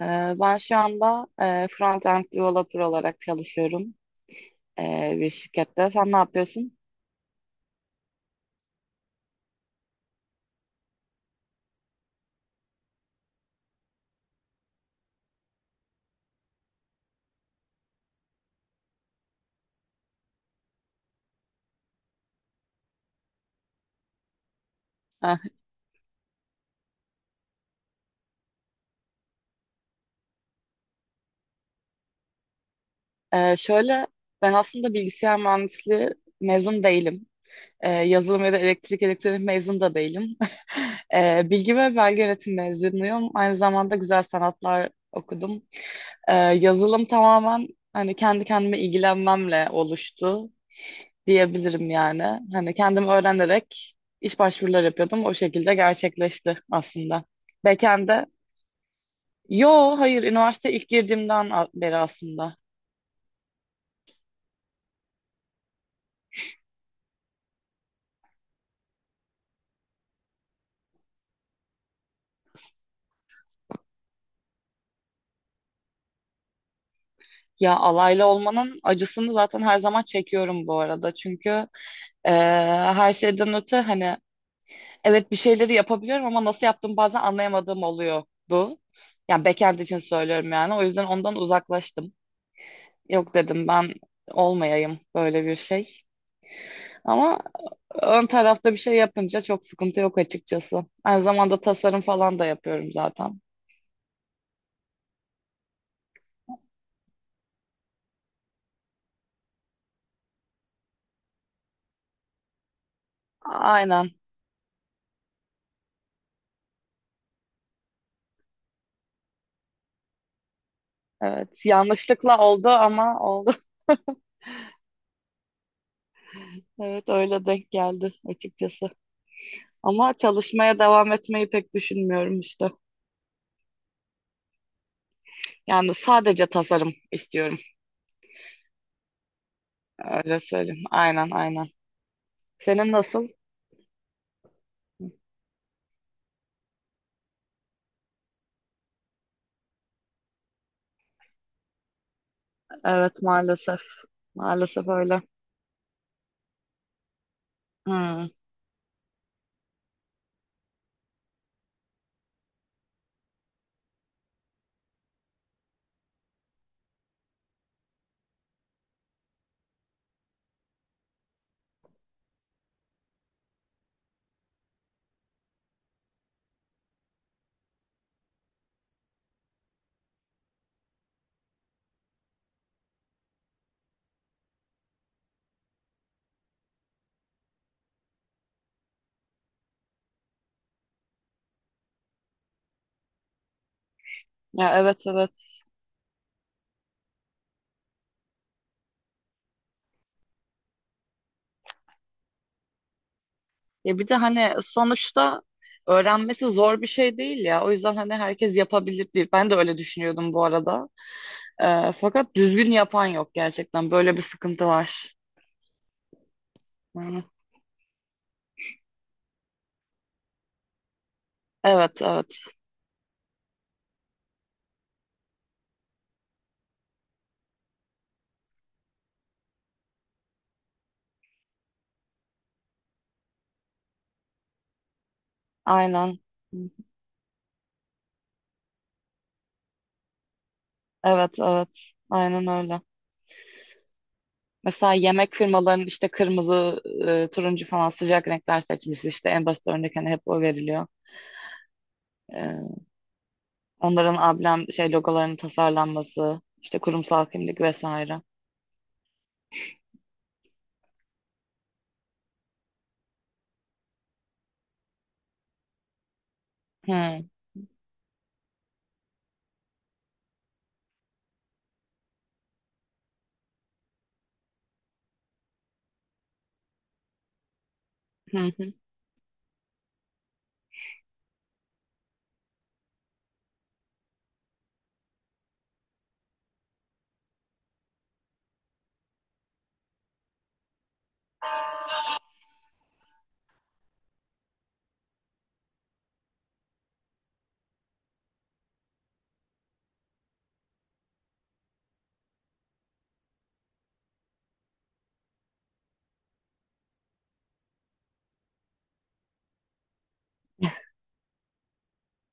Ben şu anda front-end developer olarak çalışıyorum bir şirkette. Sen ne yapıyorsun? Heh, e, şöyle, Ben aslında bilgisayar mühendisliği mezun değilim. Yazılım ya da elektrik elektronik mezun da değilim. Bilgi ve belge yönetim mezunuyum. Aynı zamanda güzel sanatlar okudum. Yazılım tamamen hani kendi kendime ilgilenmemle oluştu diyebilirim yani. Hani kendim öğrenerek iş başvuruları yapıyordum. O şekilde gerçekleşti aslında. Backend'de. Yo, hayır, üniversite ilk girdiğimden beri aslında. Ya, alaylı olmanın acısını zaten her zaman çekiyorum bu arada. Çünkü eee, her şeyden öte hani evet bir şeyleri yapabiliyorum ama nasıl yaptığımı bazen anlayamadığım oluyordu. Yani backend için söylüyorum yani. O yüzden ondan uzaklaştım. Yok dedim, ben olmayayım böyle bir şey. Ama ön tarafta bir şey yapınca çok sıkıntı yok açıkçası. Aynı zamanda tasarım falan da yapıyorum zaten. Aynen. Evet. Yanlışlıkla oldu ama oldu. Evet öyle denk geldi açıkçası. Ama çalışmaya devam etmeyi pek düşünmüyorum işte. Yani sadece tasarım istiyorum. Öyle söyleyeyim. Aynen, aynen. Senin nasıl? Evet, maalesef. Maalesef öyle. Hmm. Ya, evet, evet. Ya bir de hani sonuçta öğrenmesi zor bir şey değil ya. O yüzden hani herkes yapabilir değil. Ben de öyle düşünüyordum bu arada. Fakat düzgün yapan yok gerçekten. Böyle bir sıkıntı var. Yani, evet, evet. Aynen. Evet, evet. Aynen öyle. Mesela yemek firmalarının işte kırmızı, turuncu falan sıcak renkler seçmesi işte en basit örnek, hani hep o veriliyor. Ee, Onların ablem şey logolarının tasarlanması, işte kurumsal kimlik vesaire. Hı, hı, hı.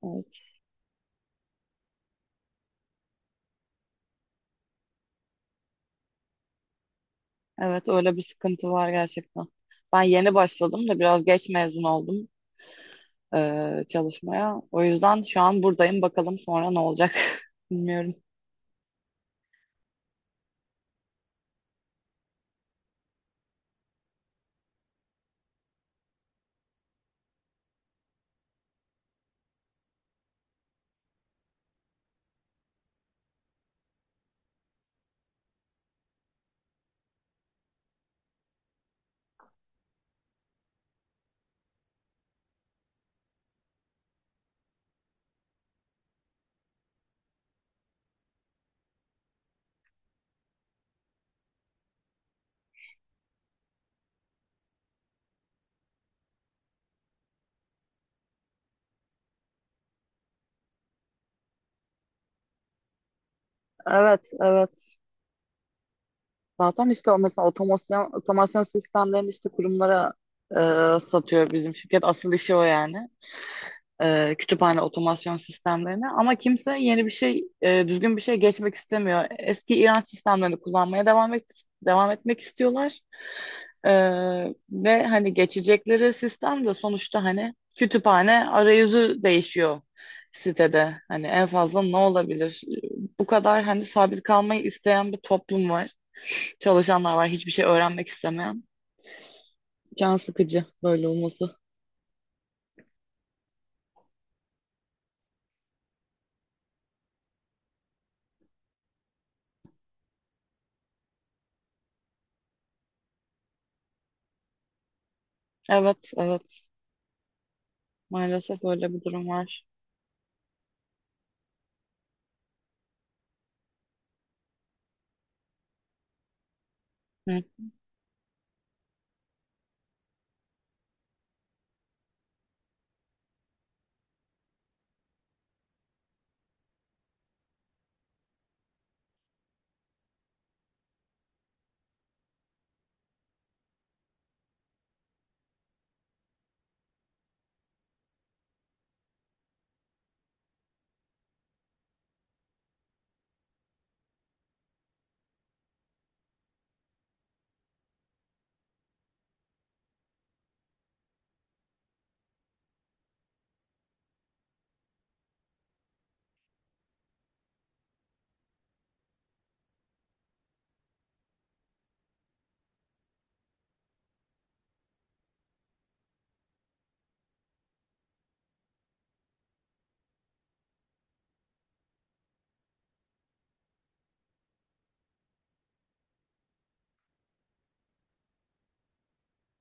Evet. Evet, öyle bir sıkıntı var gerçekten. Ben yeni başladım da biraz geç mezun oldum çalışmaya. O yüzden şu an buradayım. Bakalım sonra ne olacak. Bilmiyorum. Evet, evet. Zaten işte o mesela otomasyon, otomasyon sistemlerini işte kurumlara satıyor bizim şirket. Asıl işi o yani. Kütüphane otomasyon sistemlerine ama kimse yeni bir şey, düzgün bir şey geçmek istemiyor. Eski İran sistemlerini kullanmaya devam etmek istiyorlar. E, Ve hani geçecekleri sistem de sonuçta, hani kütüphane arayüzü değişiyor sitede. Hani en fazla ne olabilir? Bu kadar. Hani sabit kalmayı isteyen bir toplum var. Çalışanlar var, hiçbir şey öğrenmek istemeyen. Can sıkıcı böyle olması. Evet, evet. Maalesef öyle bir durum var. Hı.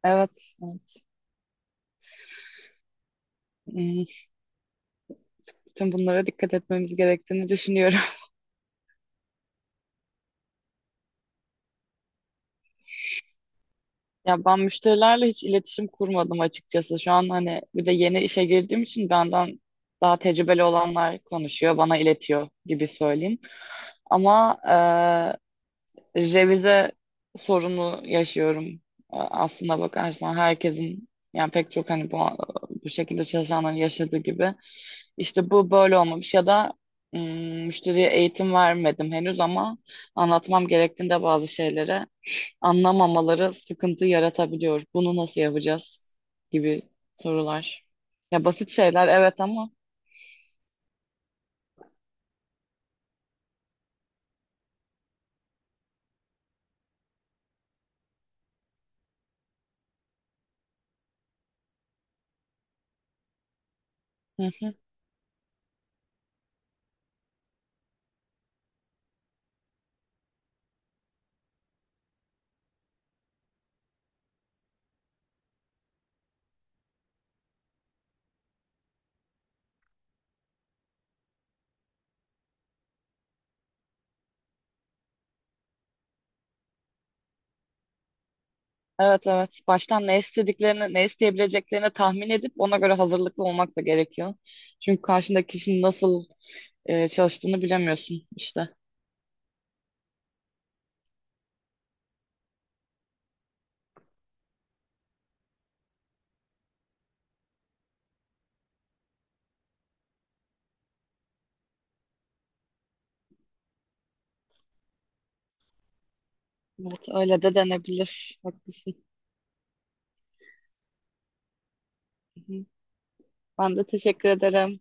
Evet, evet. Hmm, Bütün bunlara dikkat etmemiz gerektiğini düşünüyorum. Ya ben müşterilerle hiç iletişim kurmadım açıkçası. Şu an hani bir de yeni işe girdiğim için benden daha tecrübeli olanlar konuşuyor, bana iletiyor gibi söyleyeyim. Ama revize sorunu yaşıyorum. Aslına bakarsan herkesin, yani pek çok hani bu şekilde çalışanların yaşadığı gibi. İşte bu böyle olmamış ya da ım, müşteriye eğitim vermedim henüz ama anlatmam gerektiğinde bazı şeyleri anlamamaları sıkıntı yaratabiliyor. Bunu nasıl yapacağız gibi sorular. Ya basit şeyler, evet ama. Evet, evet. Baştan ne istediklerini, ne isteyebileceklerini tahmin edip ona göre hazırlıklı olmak da gerekiyor. Çünkü karşındaki kişinin nasıl çalıştığını bilemiyorsun işte. Evet, öyle de denebilir. Haklısın. Hı hı. Ben de teşekkür ederim.